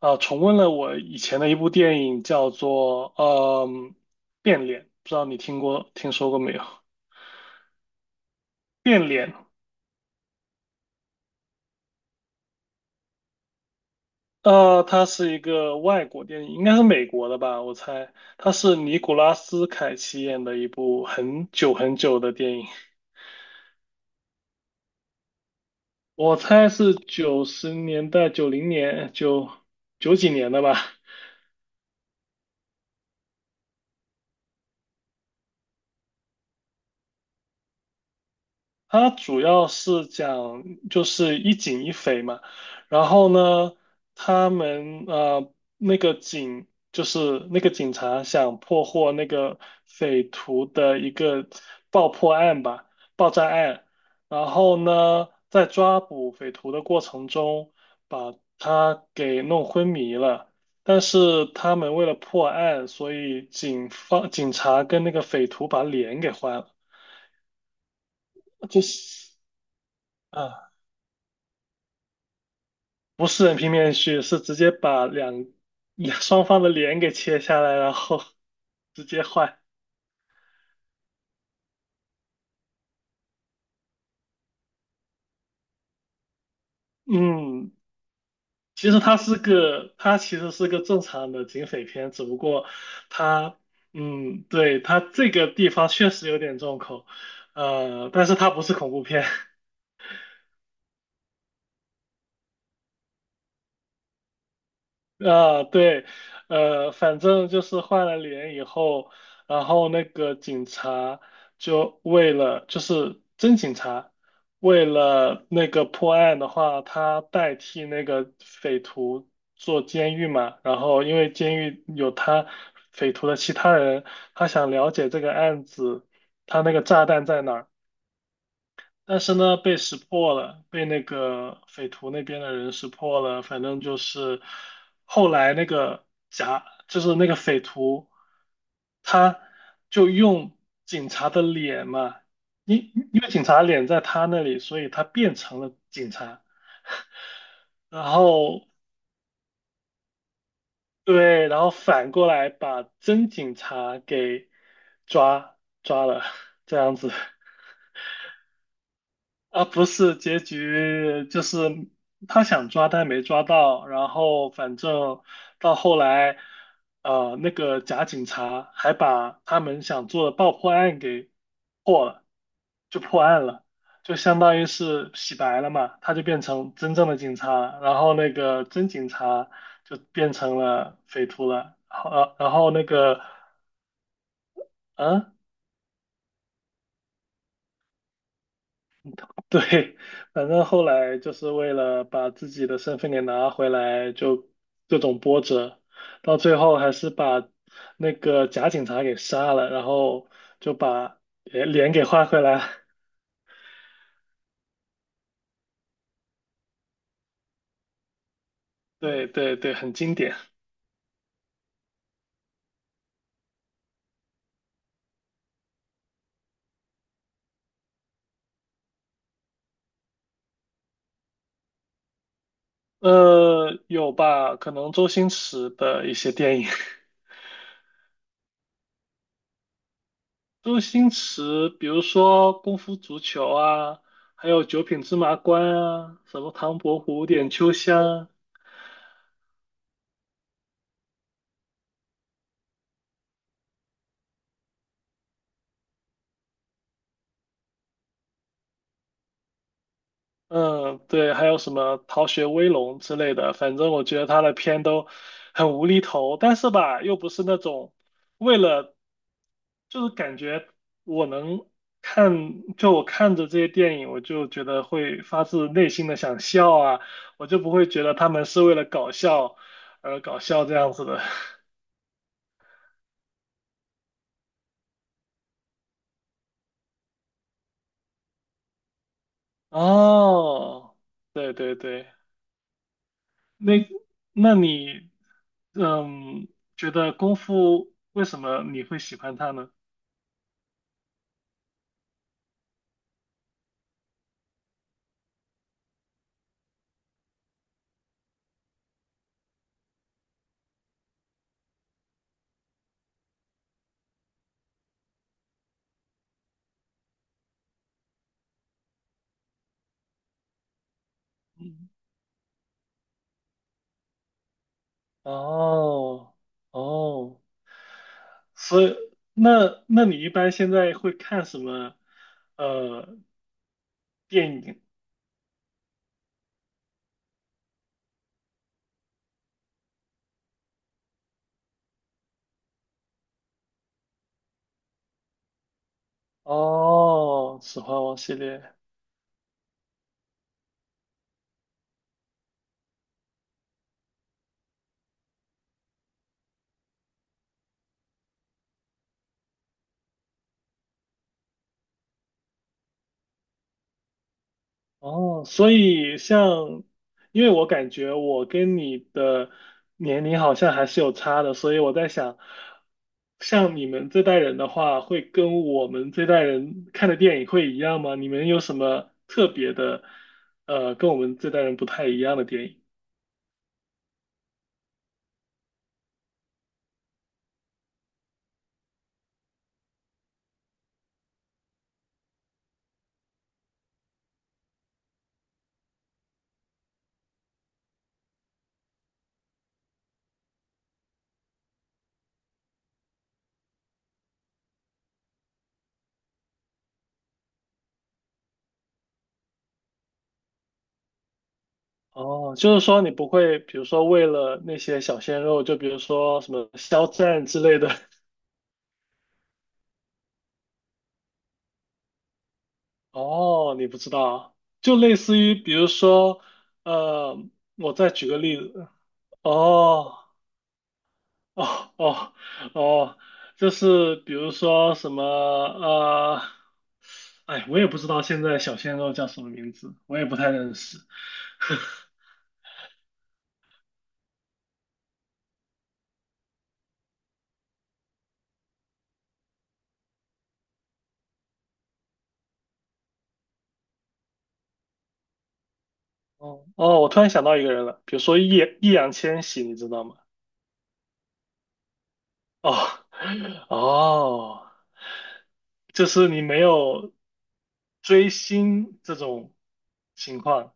重温了我以前的一部电影，叫做变脸》，不知道你听说过没有？变脸。啊，它是一个外国电影，应该是美国的吧，我猜。它是尼古拉斯凯奇演的一部很久很久的电影，我猜是90年代、90年、九几年的吧。它主要是讲就是一警一匪嘛，然后呢，他们呃那个警就是那个警察想破获那个匪徒的一个爆破案吧，爆炸案，然后呢，在抓捕匪徒的过程中把他给弄昏迷了，但是他们为了破案，所以警方警察跟那个匪徒把脸给换了，就是。啊。不是人皮面具，是直接把双方的脸给切下来，然后 直接换。嗯，其实它其实是个正常的警匪片，只不过它，对，它这个地方确实有点重口，但是它不是恐怖片。啊，对，反正就是换了脸以后，然后那个警察就为了，就是真警察，为了那个破案的话，他代替那个匪徒做监狱嘛，然后因为监狱有他匪徒的其他人，他想了解这个案子，他那个炸弹在哪儿。但是呢，被识破了，被那个匪徒那边的人识破了。反正就是后来那个假，就是那个匪徒，他就用警察的脸嘛，因为警察的脸在他那里，所以他变成了警察。然后对，然后反过来把真警察给抓抓了，这样子。啊，不是，结局就是他想抓，但没抓到。然后反正到后来，那个假警察还把他们想做的爆破案给破了，就破案了，就相当于是洗白了嘛，他就变成真正的警察了，然后那个真警察就变成了匪徒了。好，然后那个，嗯、对，反正后来就是为了把自己的身份给拿回来，就各种波折，到最后还是把那个假警察给杀了，然后就把脸给换回来。对对对，很经典。有吧？可能周星驰的一些电影，周星驰，比如说《功夫足球》啊，还有《九品芝麻官》啊，什么《唐伯虎点秋香》。嗯，对，还有什么《逃学威龙》之类的，反正我觉得他的片都很无厘头，但是吧，又不是那种为了，就是感觉我能看，就我看着这些电影，我就觉得会发自内心的想笑啊，我就不会觉得他们是为了搞笑而搞笑这样子的。哦，对对对。那那你，嗯，觉得功夫为什么你会喜欢它呢？哦哦，所以那你一般现在会看什么呃电影？哦，《指环王》系列。哦，所以像，因为我感觉我跟你的年龄好像还是有差的，所以我在想，像你们这代人的话，会跟我们这代人看的电影会一样吗？你们有什么特别的，跟我们这代人不太一样的电影？哦，就是说你不会，比如说为了那些小鲜肉，就比如说什么肖战之类的。哦，你不知道，就类似于比如说，呃，我再举个例子，哦哦哦哦，就是比如说什么哎，我也不知道现在小鲜肉叫什么名字，我也不太认识。哦哦，我突然想到一个人了，比如说易烊千玺，你知道吗？哦 哦。就是你没有追星这种情况。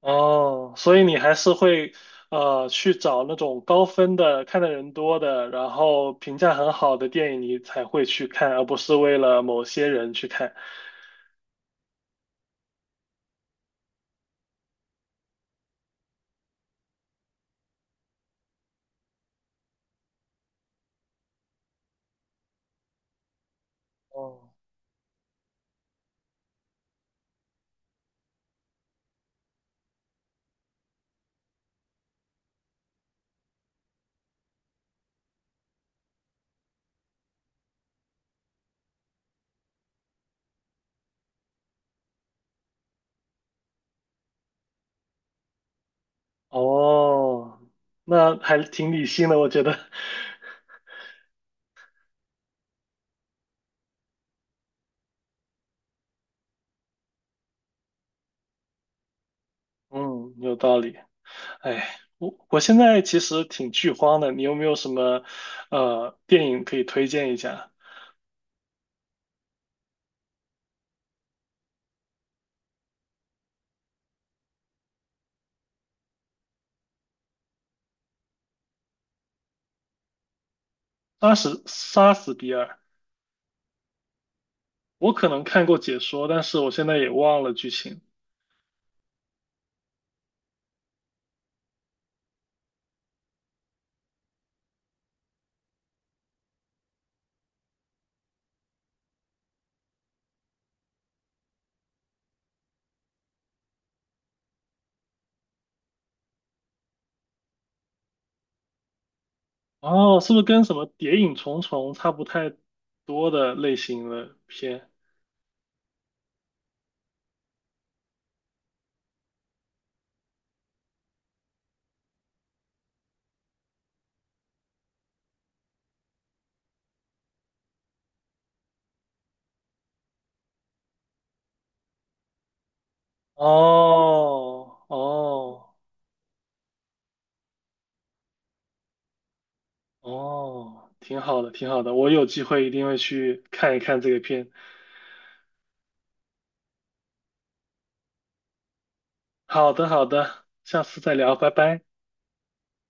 哦，所以你还是会去找那种高分的、看的人多的，然后评价很好的电影，你才会去看，而不是为了某些人去看。哦，哦，那还挺理性的，我觉得，嗯，有道理。哎，我现在其实挺剧荒的，你有没有什么电影可以推荐一下？杀死比尔，我可能看过解说，但是我现在也忘了剧情。哦，是不是跟什么《谍影重重》差不太多的类型的片？哦哦哦，挺好的，挺好的，我有机会一定会去看一看这个片。好的，好的，下次再聊，拜拜。